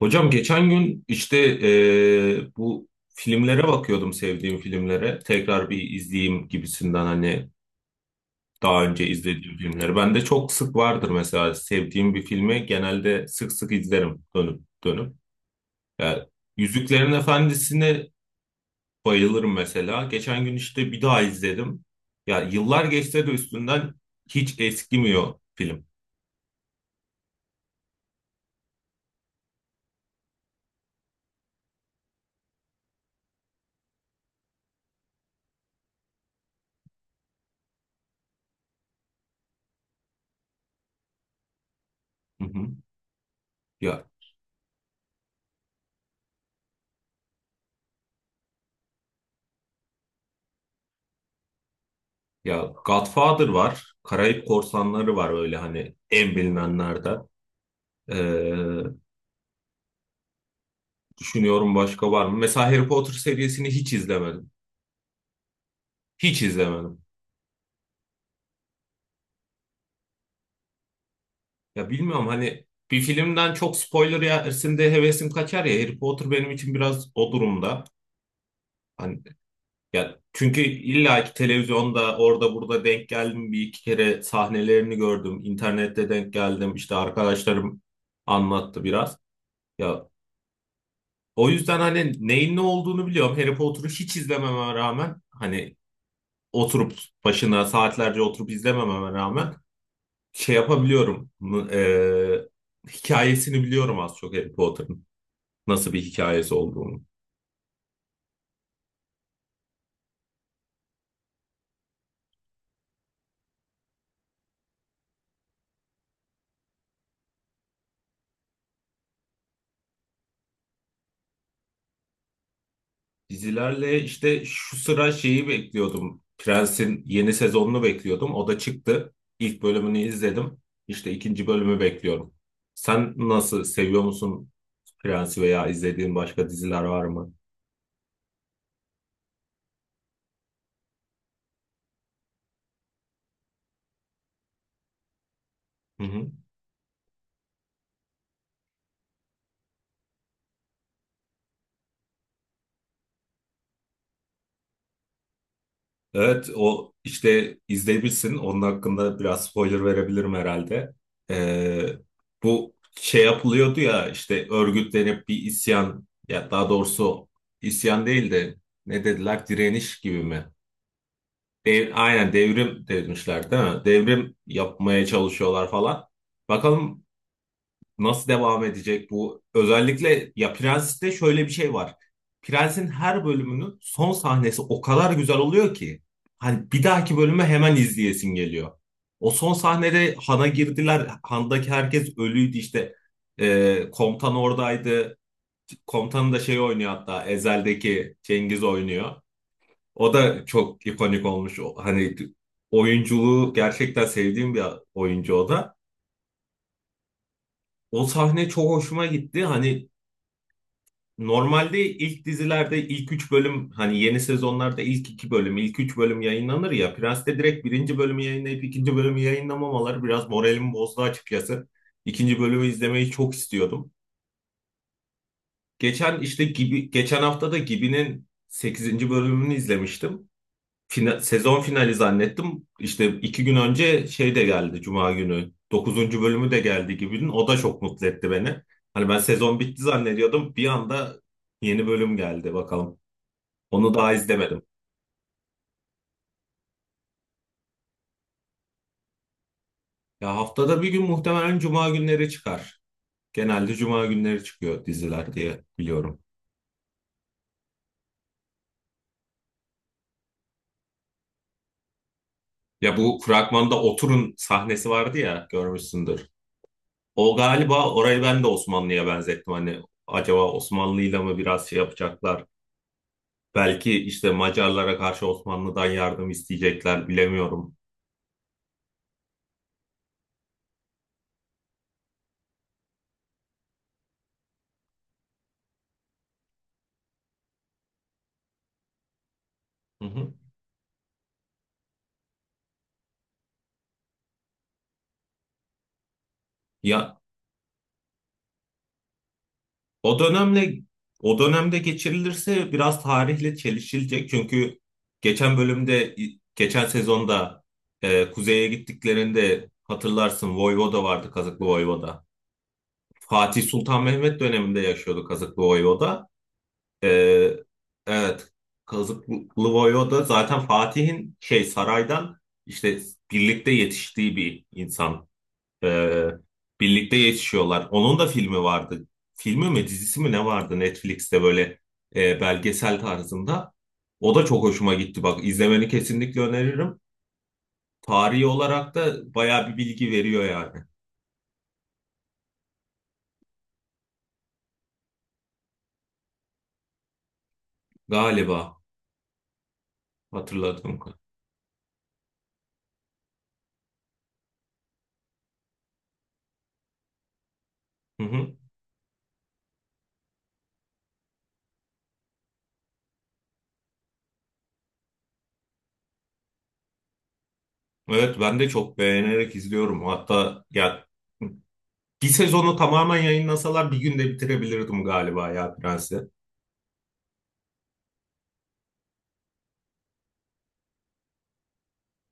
Hocam geçen gün bu filmlere bakıyordum, sevdiğim filmlere. Tekrar bir izleyeyim gibisinden, hani daha önce izlediğim filmleri. Ben de çok sık vardır, mesela sevdiğim bir filmi genelde sık sık izlerim dönüp dönüp. Yani Yüzüklerin Efendisi'ni bayılırım mesela. Geçen gün işte bir daha izledim. Ya yıllar geçse de üstünden hiç eskimiyor film. Hı hı. Ya, ya Godfather var, Karayip Korsanları var, öyle hani en bilinenlerden. Ee, düşünüyorum, başka var mı? Mesela Harry Potter serisini hiç izlemedim. Hiç izlemedim. Ya bilmiyorum, hani bir filmden çok spoiler yersin de hevesim kaçar ya. Harry Potter benim için biraz o durumda. Hani, ya çünkü illa ki televizyonda, orada burada denk geldim, bir iki kere sahnelerini gördüm. İnternette denk geldim. İşte arkadaşlarım anlattı biraz. Ya, o yüzden hani neyin ne olduğunu biliyorum. Harry Potter'ı hiç izlememe rağmen, hani oturup başına saatlerce oturup izlemememe rağmen şey yapabiliyorum. Hikayesini biliyorum az çok Harry Potter'ın. Nasıl bir hikayesi olduğunu. Dizilerle işte şu sıra şeyi bekliyordum. Prens'in yeni sezonunu bekliyordum. O da çıktı. İlk bölümünü izledim. İşte ikinci bölümü bekliyorum. Sen nasıl, seviyor musun Prens'i veya izlediğin başka diziler var mı? Hı hı. Evet, o işte izleyebilirsin. Onun hakkında biraz spoiler verebilirim herhalde. Ee, bu şey yapılıyordu ya, işte örgütlenip bir isyan, ya daha doğrusu isyan değil de ne dediler, direniş gibi mi? Dev- aynen devrim demişler değil mi? Devrim yapmaya çalışıyorlar falan. Bakalım nasıl devam edecek bu? Özellikle ya Prens'te şöyle bir şey var. Prens'in her bölümünün son sahnesi o kadar güzel oluyor ki hani bir dahaki bölümü hemen izleyesin geliyor. O son sahnede Han'a girdiler. Han'daki herkes ölüydü işte. Komutan oradaydı. Komutanı da şey oynuyor, hatta Ezel'deki Cengiz oynuyor. O da çok ikonik olmuş. O- hani oyunculuğu gerçekten sevdiğim bir oyuncu o da. O sahne çok hoşuma gitti. Hani normalde ilk dizilerde ilk üç bölüm, hani yeni sezonlarda ilk iki bölüm, ilk üç bölüm yayınlanır ya. Prens'te direkt birinci bölümü yayınlayıp ikinci bölümü yayınlamamaları biraz moralimi bozdu açıkçası. İkinci bölümü izlemeyi çok istiyordum. Geçen işte gibi geçen hafta da Gibi'nin sekizinci bölümünü izlemiştim. Fina- sezon finali zannettim. İşte iki gün önce şey de geldi, Cuma günü dokuzuncu bölümü de geldi Gibi'nin. O da çok mutlu etti beni. Hani ben sezon bitti zannediyordum. Bir anda yeni bölüm geldi, bakalım. Onu daha izlemedim. Ya haftada bir gün, muhtemelen cuma günleri çıkar. Genelde cuma günleri çıkıyor diziler diye biliyorum. Ya bu fragmanda Otur'un sahnesi vardı ya, görmüşsündür. O galiba, orayı ben de Osmanlı'ya benzettim. Hani acaba Osmanlı'yla mı biraz şey yapacaklar? Belki işte Macarlara karşı Osmanlı'dan yardım isteyecekler, bilemiyorum. Hı hı. Ya, O dönemle o dönemde geçirilirse biraz tarihle çelişilecek. Çünkü geçen bölümde geçen sezonda e, kuzeye gittiklerinde hatırlarsın Voyvoda vardı, Kazıklı Voyvoda. Fatih Sultan Mehmet döneminde yaşıyordu Kazıklı Voyvoda. E, evet, Kazıklı Voyvoda zaten Fatih'in şey, saraydan işte birlikte yetiştiği bir insan. Ee, birlikte yetişiyorlar. Onun da filmi vardı. Filmi mi dizisi mi ne vardı Netflix'te, böyle e, belgesel tarzında. O da çok hoşuma gitti. Bak, izlemeni kesinlikle öneririm. Tarihi olarak da bayağı bir bilgi veriyor yani. Galiba, hatırladığım kadar. Hı hı. Evet, ben de çok beğenerek izliyorum. Hatta ya bir sezonu tamamen yayınlasalar bir günde bitirebilirdim galiba ya Prens'i.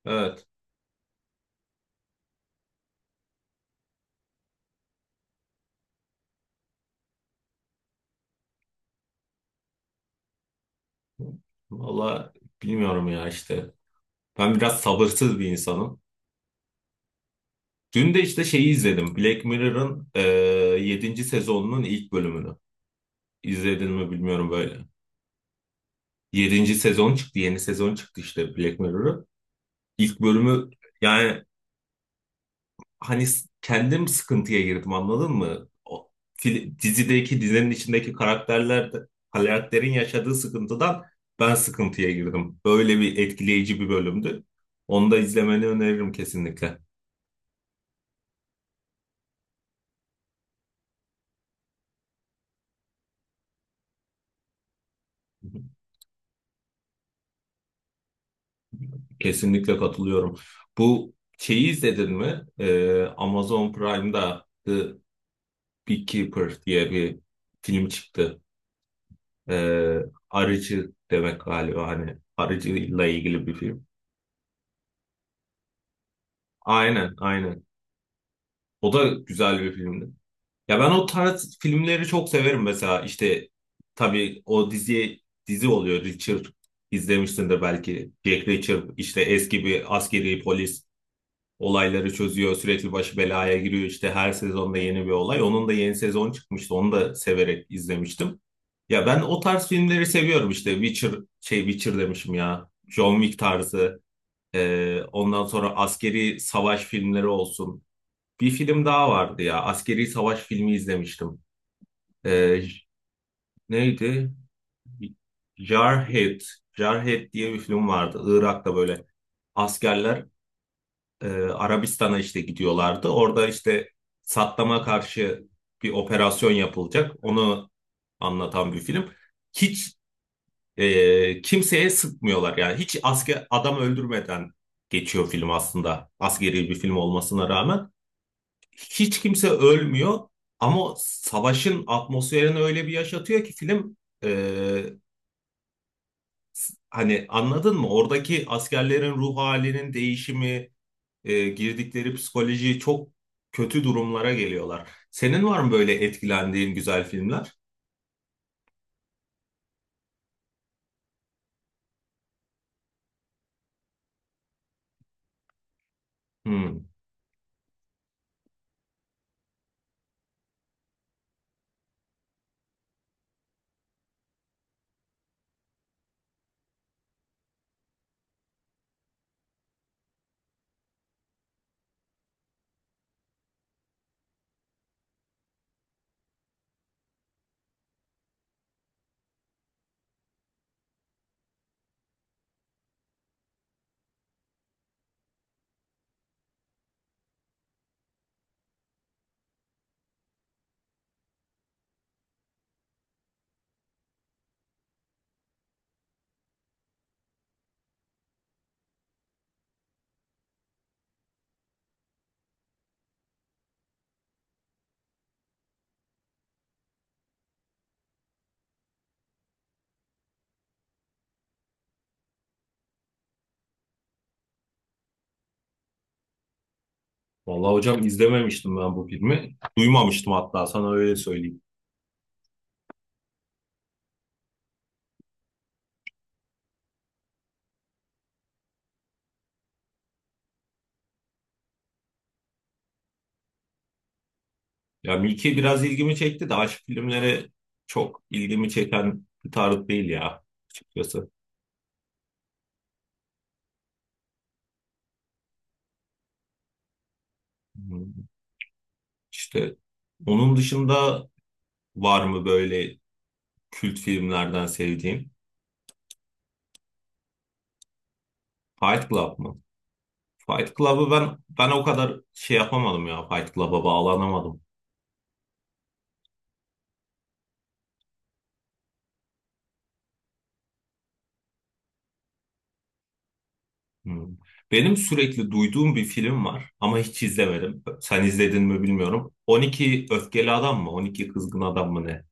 Evet. Valla bilmiyorum ya, işte. Ben biraz sabırsız bir insanım. Dün de işte şeyi izledim, Black Mirror'ın yedinci sezonunun ilk bölümünü. İzledin mi bilmiyorum böyle. Yedinci sezon çıktı. Yeni sezon çıktı işte Black Mirror'ın. İlk bölümü, yani hani s- kendim sıkıntıya girdim, anladın mı? O, fil- dizinin içindeki karakterler de- karakterin yaşadığı sıkıntıdan ben sıkıntıya girdim. Böyle bir etkileyici bir bölümdü. Onu da izlemeni öneririm kesinlikle. Kesinlikle katılıyorum. Bu şeyi izledin mi? Amazon Prime'da The Beekeeper diye bir film çıktı. Ee, arıcı demek galiba, hani arıcıyla ilgili bir film. Aynen, aynen. O da güzel bir filmdi. Ya ben o tarz filmleri çok severim mesela. İşte tabii o diziye, dizi oluyor Richard, izlemişsindir belki. Jack Reacher, işte eski bir askeri polis, olayları çözüyor. Sürekli başı belaya giriyor. İşte her sezonda yeni bir olay. Onun da yeni sezon çıkmıştı. Onu da severek izlemiştim. Ya ben o tarz filmleri seviyorum işte. Witcher, şey, Witcher demişim ya, John Wick tarzı. Ondan sonra askeri savaş filmleri olsun. Bir film daha vardı ya, askeri savaş filmi izlemiştim. Ee, j- neydi? Jarhead. Jarhead diye bir film vardı. Irak'ta böyle askerler e, Arabistan'a işte gidiyorlardı. Orada işte Saddam'a karşı bir operasyon yapılacak. Onu anlatan bir film. Hiç kimseye sıkmıyorlar. Yani hiç asker adam öldürmeden geçiyor film aslında. Askeri bir film olmasına rağmen hiç kimse ölmüyor, ama savaşın atmosferini öyle bir yaşatıyor ki film e, hani anladın mı? Oradaki askerlerin ruh halinin değişimi, girdikleri psikolojiyi, çok kötü durumlara geliyorlar. Senin var mı böyle etkilendiğin güzel filmler? Hmm. Vallahi hocam, izlememiştim ben bu filmi. Duymamıştım hatta, sana öyle söyleyeyim. Ya Milki biraz ilgimi çekti de, aşk filmleri çok ilgimi çeken bir tarz değil ya, açıkçası. Hmm. İşte onun dışında var mı böyle kült filmlerden sevdiğin? Fight Club mı? Fight Club'ı ben o kadar şey yapamadım ya, Fight Club'a bağlanamadım. Hmm. Benim sürekli duyduğum bir film var ama hiç izlemedim. Sen izledin mi bilmiyorum. 12 Öfkeli Adam mı? 12 Kızgın Adam mı ne?